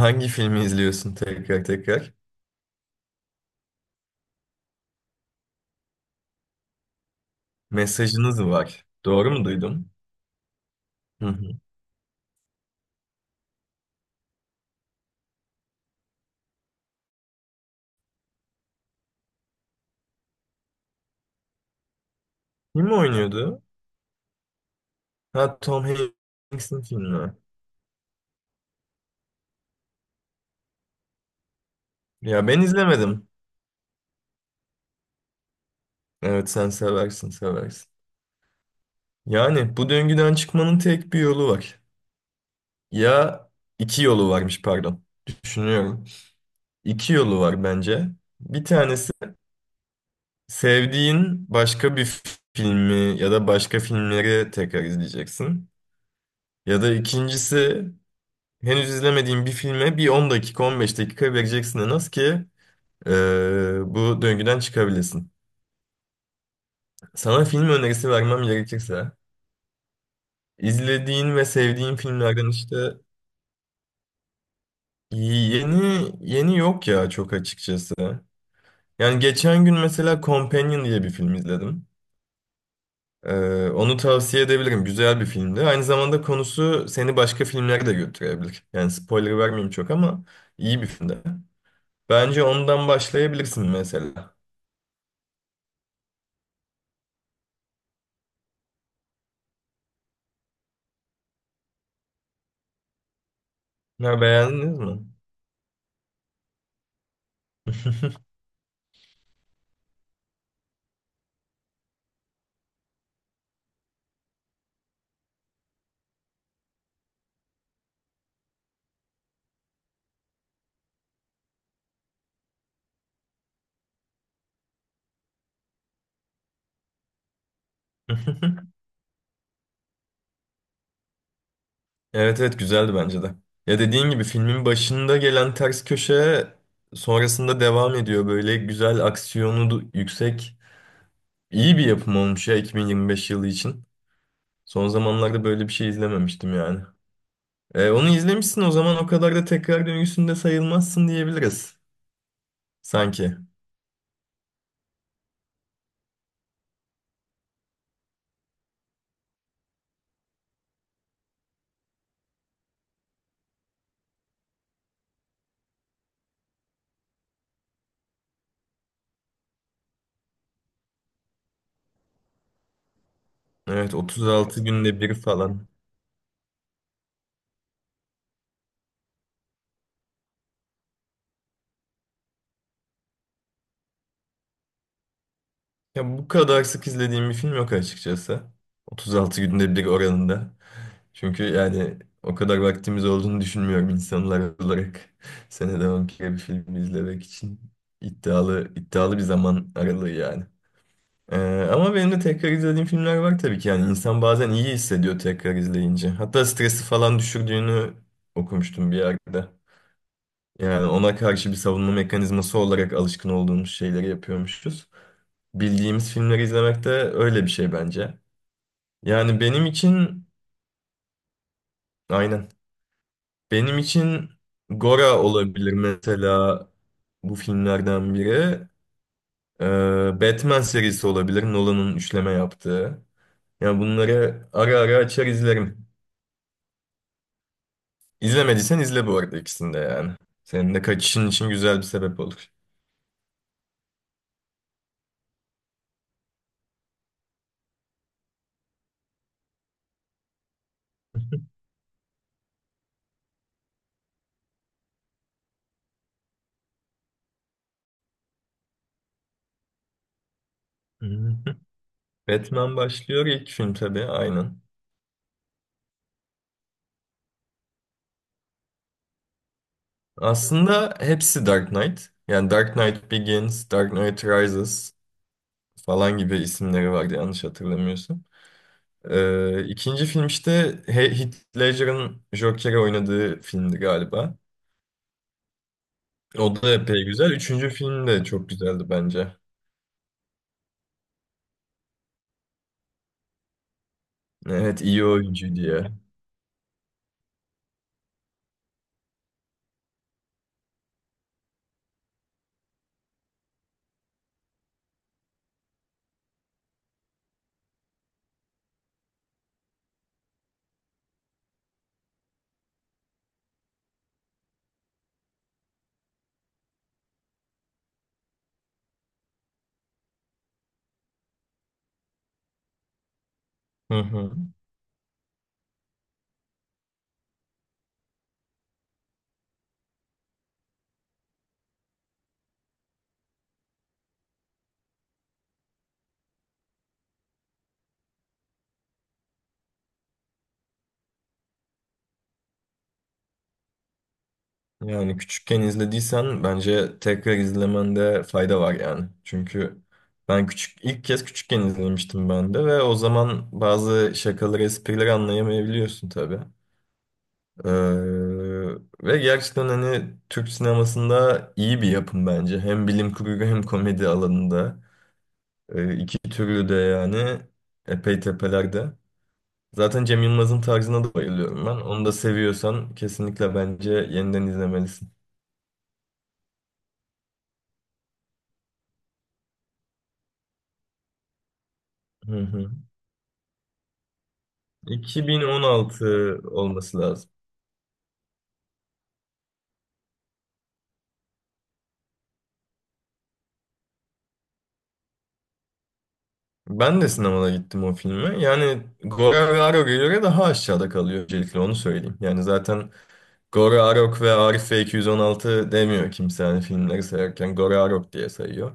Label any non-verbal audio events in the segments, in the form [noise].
Hangi filmi izliyorsun tekrar tekrar? Mesajınız var. Doğru mu duydum? Hı hı. Kim oynuyordu? Ha Tom Hanks'in filmi. Ya ben izlemedim. Evet sen seversin seversin. Yani bu döngüden çıkmanın tek bir yolu var. Ya iki yolu varmış pardon. Düşünüyorum. İki yolu var bence. Bir tanesi sevdiğin başka bir filmi ya da başka filmleri tekrar izleyeceksin. Ya da ikincisi, henüz izlemediğin bir filme bir 10 dakika 15 dakika vereceksin en az ki bu döngüden çıkabilesin. Sana film önerisi vermem gerekirse izlediğin ve sevdiğin filmlerden işte yeni yeni yok ya çok açıkçası. Yani geçen gün mesela Companion diye bir film izledim. Onu tavsiye edebilirim. Güzel bir filmdi. Aynı zamanda konusu seni başka filmlere de götürebilir. Yani spoiler vermeyeyim çok ama iyi bir filmdi. Bence ondan başlayabilirsin mesela. Ya beğendiniz mi? [laughs] Evet evet güzeldi bence de. Ya dediğin gibi filmin başında gelen ters köşe sonrasında devam ediyor. Böyle güzel aksiyonu yüksek iyi bir yapım olmuş ya 2025 yılı için. Son zamanlarda böyle bir şey izlememiştim yani. Onu izlemişsin o zaman o kadar da tekrar döngüsünde sayılmazsın diyebiliriz. Sanki. Evet 36 günde bir falan. Ya bu kadar sık izlediğim bir film yok açıkçası. 36 günde bir oranında. Çünkü yani o kadar vaktimiz olduğunu düşünmüyorum insanlar olarak. [laughs] Senede 10 kere bir film izlemek için iddialı iddialı bir zaman aralığı yani. Ee, ama benim de tekrar izlediğim filmler var tabii ki. Yani insan bazen iyi hissediyor tekrar izleyince. Hatta stresi falan düşürdüğünü okumuştum bir yerde. Yani ona karşı bir savunma mekanizması olarak alışkın olduğumuz şeyleri yapıyormuşuz. Bildiğimiz filmleri izlemek de öyle bir şey bence. Yani benim için aynen. Benim için Gora olabilir mesela bu filmlerden biri. Ee, Batman serisi olabilir. Nolan'ın üçleme yaptığı. Yani bunları ara ara açar izlerim. İzlemediysen izle bu arada ikisini de yani. Senin de kaçışın için güzel bir sebep olur. [laughs] Batman başlıyor ilk film tabii aynen. Aslında hepsi Dark Knight. Yani Dark Knight Begins, Dark Knight Rises falan gibi isimleri vardı yanlış hatırlamıyorsun. İkinci film işte Heath Ledger'ın Joker'i oynadığı filmdi galiba. O da epey güzel. Üçüncü film de çok güzeldi bence. Evet iyi oyuncu diye. Hı hı. Yani küçükken izlediysen bence tekrar izlemende fayda var yani. Çünkü ben küçük ilk kez küçükken izlemiştim ben de ve o zaman bazı şakaları, esprileri anlayamayabiliyorsun tabii. Ee, ve gerçekten hani Türk sinemasında iyi bir yapım bence. Hem bilim kurgu hem komedi alanında. İki türlü de yani epey tepelerde. Zaten Cem Yılmaz'ın tarzına da bayılıyorum ben. Onu da seviyorsan kesinlikle bence yeniden izlemelisin. Hı hı. 2016 olması lazım. Ben de sinemada gittim o filme. Yani Gora ve Arog'a göre daha aşağıda kalıyor öncelikle onu söyleyeyim. Yani zaten Gora Arok ve Arif F216 demiyor kimse hani filmleri sayarken Gora Arok diye sayıyor.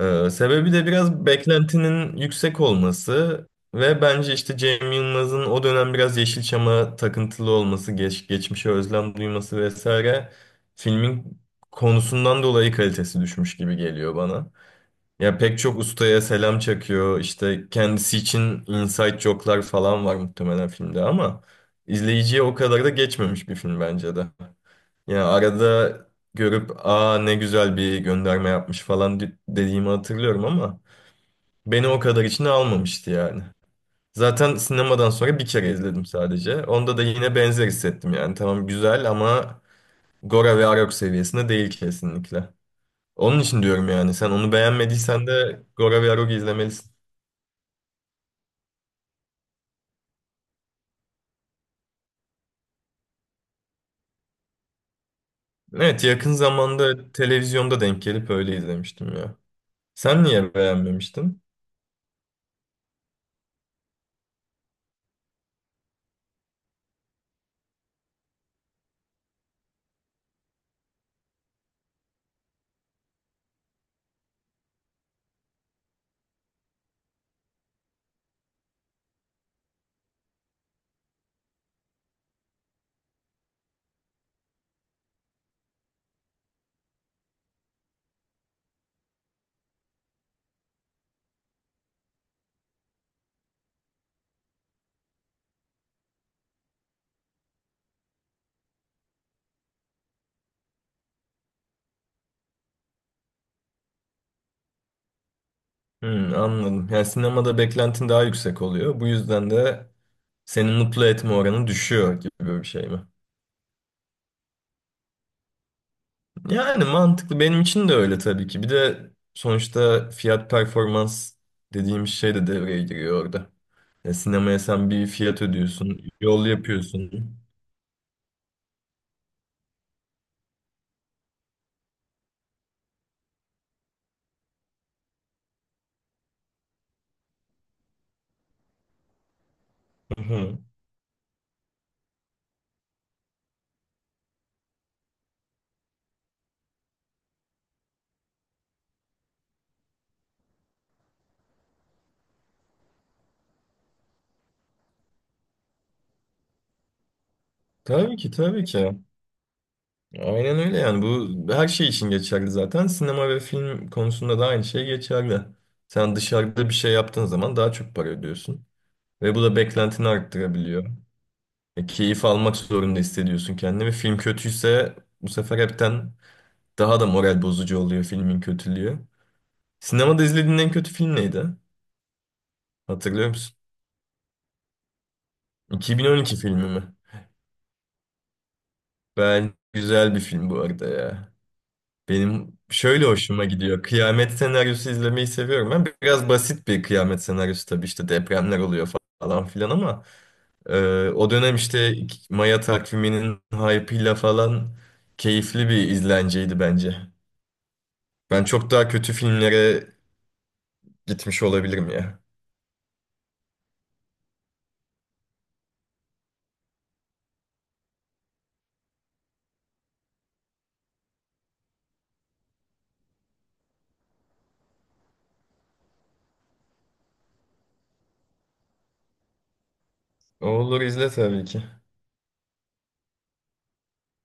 Sebebi de biraz beklentinin yüksek olması ve bence işte Cem Yılmaz'ın o dönem biraz Yeşilçam'a takıntılı olması, geçmişe özlem duyması vesaire filmin konusundan dolayı kalitesi düşmüş gibi geliyor bana. Ya pek çok ustaya selam çakıyor. İşte kendisi için inside joke'lar falan var muhtemelen filmde ama izleyiciye o kadar da geçmemiş bir film bence de. Ya arada görüp aa ne güzel bir gönderme yapmış falan dediğimi hatırlıyorum ama beni o kadar içine almamıştı yani. Zaten sinemadan sonra bir kere izledim sadece. Onda da yine benzer hissettim yani. Tamam güzel ama Gora ve Arog seviyesinde değil kesinlikle. Onun için diyorum yani sen onu beğenmediysen de Gora ve Arog'u izlemelisin. Evet yakın zamanda televizyonda denk gelip öyle izlemiştim ya. Sen niye beğenmemiştin? Hmm, anladım. Yani sinemada beklentin daha yüksek oluyor. Bu yüzden de seni mutlu etme oranı düşüyor gibi bir şey mi? Yani mantıklı. Benim için de öyle tabii ki. Bir de sonuçta fiyat performans dediğimiz şey de devreye giriyor orada. Ya sinemaya sen bir fiyat ödüyorsun, yol yapıyorsun. Hı hı. Tabii ki, tabii ki. Aynen öyle yani. Bu her şey için geçerli zaten. Sinema ve film konusunda da aynı şey geçerli. Sen dışarıda bir şey yaptığın zaman daha çok para ödüyorsun. Ve bu da beklentini arttırabiliyor. Keyif almak zorunda hissediyorsun kendini. Ve film kötüyse bu sefer hepten daha da moral bozucu oluyor filmin kötülüğü. Sinemada izlediğin en kötü film neydi? Hatırlıyor musun? 2012 filmi mi? Ben güzel bir film bu arada ya. Benim şöyle hoşuma gidiyor. Kıyamet senaryosu izlemeyi seviyorum. Ben biraz basit bir kıyamet senaryosu tabii işte depremler oluyor falan filan ama O dönem işte Maya takviminin hype'ıyla falan keyifli bir izlenceydi bence. Ben çok daha kötü filmlere gitmiş olabilirim ya. Olur izle tabii ki.